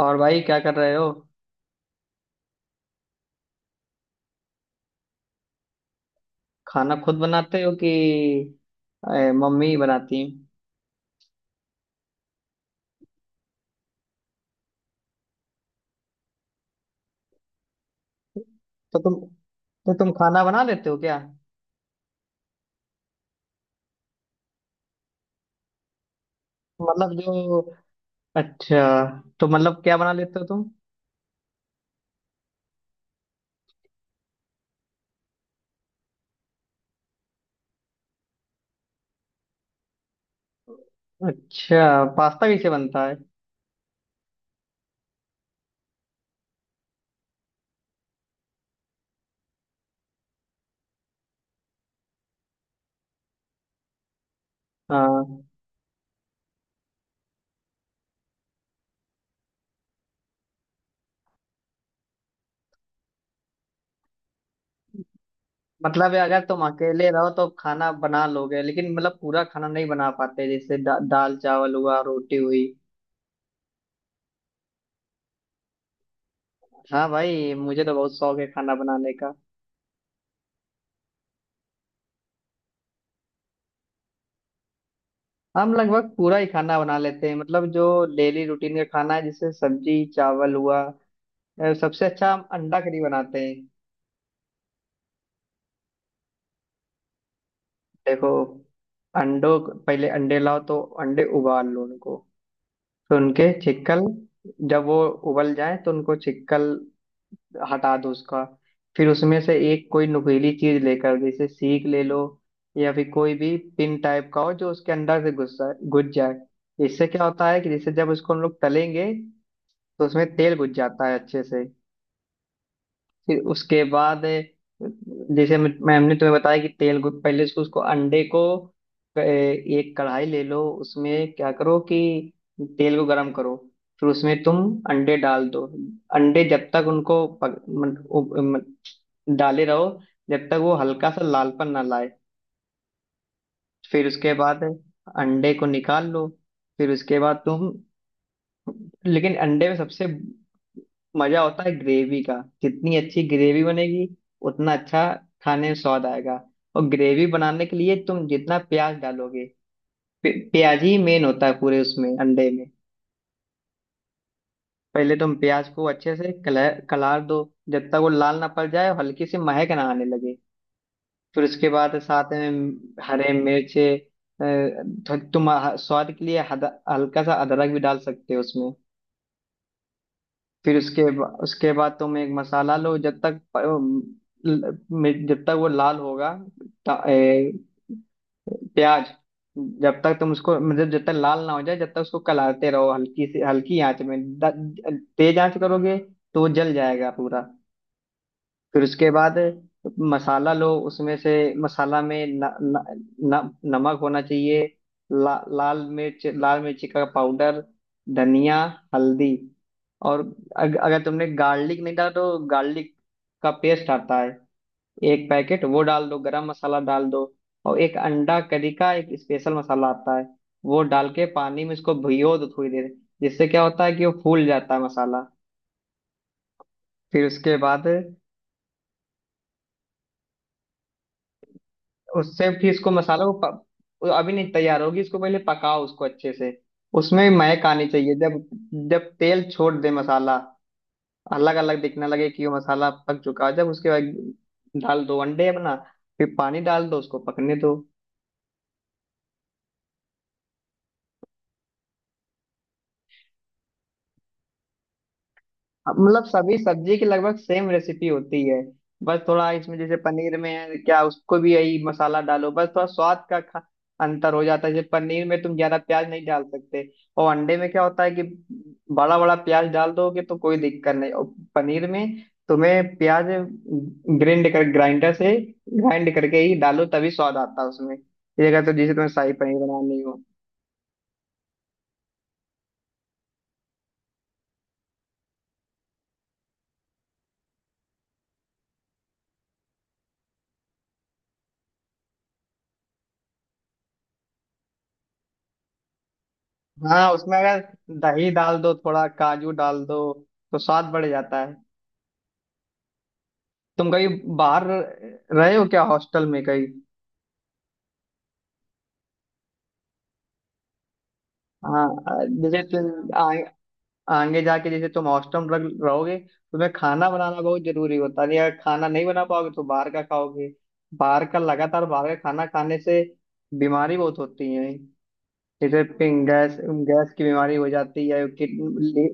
और भाई क्या कर रहे हो। खाना खुद बनाते हो कि मम्मी बनाती हैं। तो तुम तो तुम खाना बना लेते हो क्या। मतलब जो अच्छा। तो मतलब क्या बना लेते हो तुम। अच्छा, पास्ता कैसे बनता है। हाँ। मतलब ये अगर तुम अकेले रहो तो खाना बना लोगे, लेकिन मतलब पूरा खाना नहीं बना पाते जैसे दाल चावल हुआ, रोटी हुई। हाँ भाई, मुझे तो बहुत शौक है खाना बनाने का। हम लगभग पूरा ही खाना बना लेते हैं, मतलब जो डेली रूटीन का खाना है, जैसे सब्जी, चावल हुआ। सबसे अच्छा हम अंडा करी बनाते हैं। देखो। पहले अंडे लाओ तो। अंडे उबाल लो उनको। तो उनके छिक्कल, जब वो उबल जाए तो उनको छिक्कल हटा दो उसका। फिर उसमें से एक कोई नुकीली चीज लेकर, जैसे सीख ले लो या फिर कोई भी पिन टाइप का हो, जो उसके अंदर से घुस जाए घुस जाए। इससे क्या होता है कि जैसे जब उसको हम लोग तलेंगे तो उसमें तेल घुस जाता है अच्छे से। फिर उसके बाद जैसे मैम ने तुम्हें बताया कि तेल घुस पहले उसको उसको अंडे को। एक कढ़ाई ले लो, उसमें क्या करो कि तेल को गरम करो। फिर उसमें तुम अंडे डाल दो। अंडे जब तक उनको पक, मन, उ, मन, डाले रहो, जब तक वो हल्का सा लालपन ना लाए। फिर उसके बाद अंडे को निकाल लो। फिर उसके बाद तुम। लेकिन अंडे में सबसे मजा होता है ग्रेवी का। जितनी अच्छी ग्रेवी बनेगी, उतना अच्छा खाने में स्वाद आएगा। और ग्रेवी बनाने के लिए तुम जितना प्याज डालोगे। प्याज ही मेन होता है पूरे उसमें अंडे में। पहले तुम प्याज को अच्छे से कलर कलार दो, जब तक वो लाल ना पड़ जाए और हल्की सी महक ना आने लगे। फिर उसके बाद साथ में हरे मिर्चे। अ, तुम स्वाद के लिए हल्का सा अदरक भी डाल सकते हो उसमें। फिर उसके बाद तुम एक मसाला लो, जब तक जब तक वो लाल होगा ता- ए, प्याज, जब तक तुम उसको मतलब जब तक लाल ना हो जाए, जब तक उसको कलाते रहो हल्की से हल्की आंच में, तेज आंच करोगे तो वो जल जाएगा पूरा। फिर उसके बाद मसाला लो उसमें से। मसाला में न, न, न, नमक होना चाहिए। लाल मिर्च, लाल मिर्ची का पाउडर, धनिया, हल्दी, और अगर तुमने गार्लिक नहीं डाला तो गार्लिक का पेस्ट आता है, एक पैकेट वो डाल दो, गरम मसाला डाल दो। और एक अंडा करी का एक स्पेशल मसाला आता है, वो डाल के पानी में इसको भिगो दो थोड़ी देर। जिससे क्या होता है कि वो फूल जाता है मसाला। फिर उसके बाद उससे फिर इसको मसाला को वो अभी नहीं तैयार होगी, इसको पहले पकाओ उसको अच्छे से। उसमें महक आनी चाहिए, जब जब तेल छोड़ दे मसाला, अलग अलग दिखने लगे कि वो मसाला पक चुका है, जब उसके बाद डाल दो अंडे अपना। फिर पानी डाल दो, उसको पकने दो। अब मतलब सभी सब्जी की लगभग सेम रेसिपी होती है। बस थोड़ा इसमें, जैसे पनीर में है क्या, उसको भी यही मसाला डालो, बस थोड़ा स्वाद का अंतर हो जाता है। जैसे पनीर में तुम ज्यादा प्याज नहीं डाल सकते। और अंडे में क्या होता है कि बड़ा बड़ा प्याज डाल दोगे तो कोई दिक्कत नहीं, और पनीर में तुम्हें प्याज ग्रिंड कर, ग्राइंडर से ग्राइंड करके ही डालो, तभी स्वाद आता है उसमें, ये अगर तो जैसे तुम्हें शाही पनीर बनानी हो। हाँ, उसमें अगर दही डाल दो, थोड़ा काजू डाल दो, तो स्वाद बढ़ जाता है। तुम कहीं बाहर रहे हो क्या, हॉस्टल में कहीं। हाँ, जैसे तुम आगे जाके जैसे तुम हॉस्टल में रहोगे, तुम्हें खाना बनाना बहुत जरूरी होता है। अगर खाना नहीं बना पाओगे तो बाहर का खाओगे, बाहर का लगातार बाहर का खाना खाने से बीमारी बहुत होती है। जैसे गैस, गैस की बीमारी हो जाती है, किडनी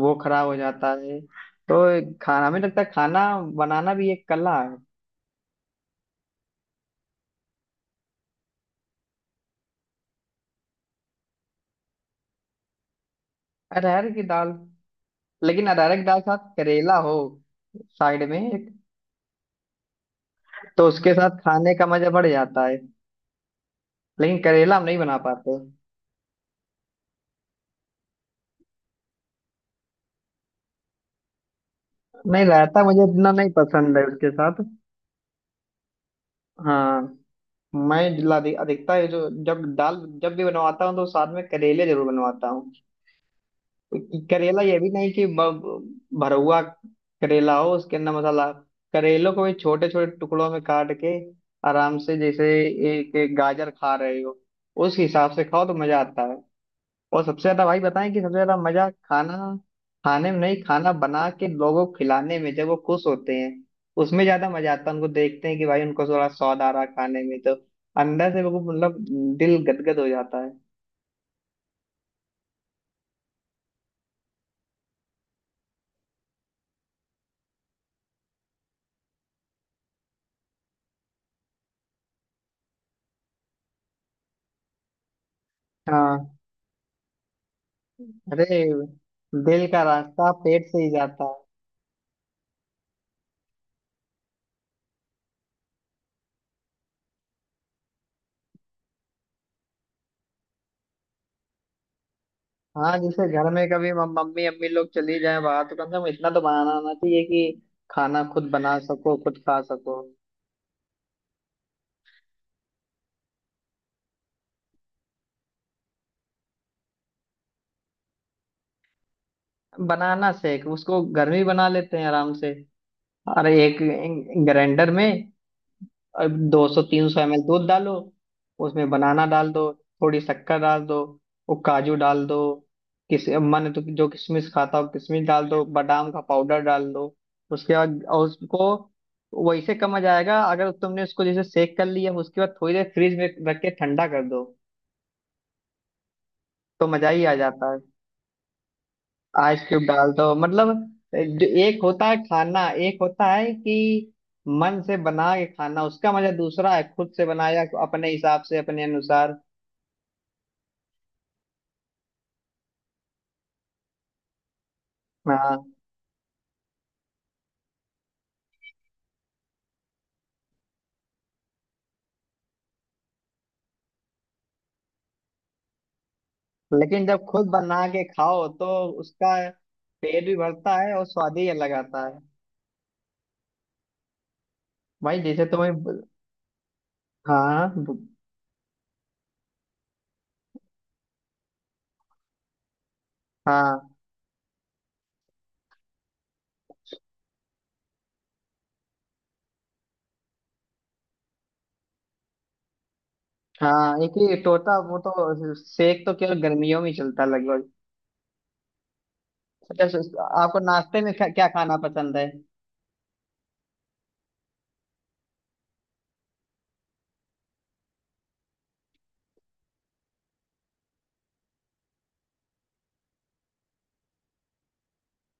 वो खराब हो जाता है। तो खाना, हमें लगता है खाना बनाना भी एक कला है। अरहर की दाल। लेकिन अरहर की दाल के साथ करेला हो साइड में, तो उसके साथ खाने का मजा बढ़ जाता है। लेकिन करेला हम नहीं बना पाते। नहीं, रायता मुझे इतना नहीं पसंद है उसके साथ। हाँ। मैं जिला अधिकता है जो जब दाल, जब भी बनवाता हूँ तो साथ में करेले जरूर बनवाता हूँ। क्योंकि करेला, ये भी नहीं कि भरवा करेला हो उसके अंदर मसाला। करेलों को भी छोटे छोटे टुकड़ों में काट के, आराम से जैसे एक एक गाजर खा रहे हो, उस हिसाब से खाओ तो मजा आता है। और सबसे ज्यादा भाई बताएं कि सबसे ज्यादा मजा खाना खाने में नहीं, खाना बना के लोगों को खिलाने में, जब वो खुश होते हैं उसमें ज्यादा मजा आता है। उनको देखते हैं कि भाई उनको थोड़ा स्वाद आ रहा है खाने में, तो अंदर से बिल्कुल मतलब दिल गदगद हो जाता है। हाँ। अरे, दिल का रास्ता पेट से ही जाता है। हाँ, जैसे घर में कभी मम्मी अम्मी लोग चली जाए बाहर, तो कम से कम इतना तो बनाना आना चाहिए कि खाना खुद बना सको, खुद खा सको। बनाना सीख उसको घर में ही बना लेते हैं आराम से। और एक ग्राइंडर में 200 300 ml दूध डालो, उसमें बनाना डाल दो, थोड़ी शक्कर डाल दो, वो काजू डाल दो। किस मन तो जो किशमिश खाता हो, किशमिश डाल दो, बादाम का पाउडर डाल दो। उसके बाद और उसको वैसे कम जाएगा, अगर तुमने उसको जैसे सेक कर लिया, उसके बाद थोड़ी देर फ्रिज में रख के ठंडा कर दो, तो मजा ही आ जाता है। आइस क्यूब डाल दो मतलब, जो एक होता है खाना, एक होता है कि मन से बना के खाना, उसका मजा दूसरा है, खुद से बनाया अपने हिसाब से अपने अनुसार। हाँ, लेकिन जब खुद बना के खाओ तो उसका पेट भी भरता है और स्वाद ही अलग आता है। भाई जैसे तुम्हें। हाँ हाँ। हाँ, एक ही टोटा, वो तो सेक तो केवल गर्मियों में ही चलता है लगभग। अच्छा, आपको नाश्ते में क्या क्या खाना पसंद है।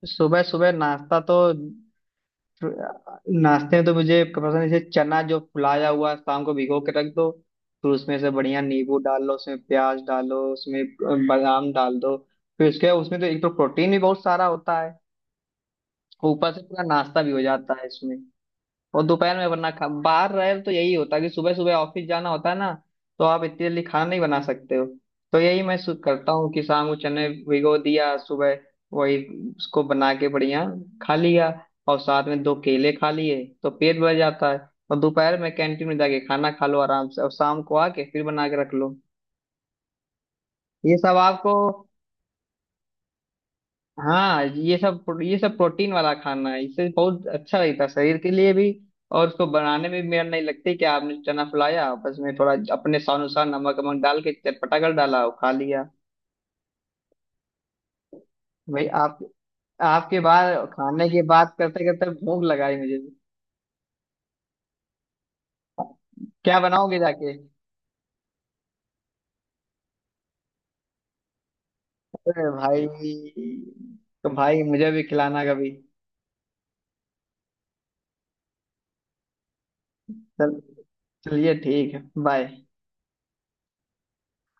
सुबह सुबह नाश्ता तो, नाश्ते में तो मुझे पसंद है, जैसे चना जो फुलाया हुआ शाम को भिगो के रख दो, फिर उसमें से बढ़िया नींबू डाल लो, उसमें प्याज डालो, उसमें बादाम डाल दो। फिर उसके बाद उसमें तो एक तो प्रोटीन भी बहुत सारा होता है, ऊपर से पूरा नाश्ता भी हो जाता है इसमें। और दोपहर में वरना खा बाहर रहे तो, यही होता है कि सुबह सुबह ऑफिस जाना होता है ना, तो आप इतनी जल्दी खाना नहीं बना सकते हो। तो यही मैं करता हूँ कि शाम को चने भिगो दिया, सुबह वही उसको बना के बढ़िया खा लिया, और साथ में दो केले खा लिए तो पेट भर जाता है। और दोपहर में कैंटीन में जाके खाना खा लो आराम से, और शाम को आके फिर बना के रख लो। ये सब आपको। हाँ, ये सब प्रोटीन वाला खाना है, इससे बहुत अच्छा रहता है शरीर के लिए भी। और उसको बनाने में भी मेरा नहीं लगता, कि आपने चना फुलाया बस, में थोड़ा अपने स्वानुसार नमक वमक डाल के चटपटा कर डाला और खा लिया। भाई आप आपके बाद खाने की बात करते करते भूख लगाई मुझे भी। क्या बनाओगे जाके। अरे भाई, तो भाई मुझे भी खिलाना कभी। चल चलिए, ठीक है। बाय।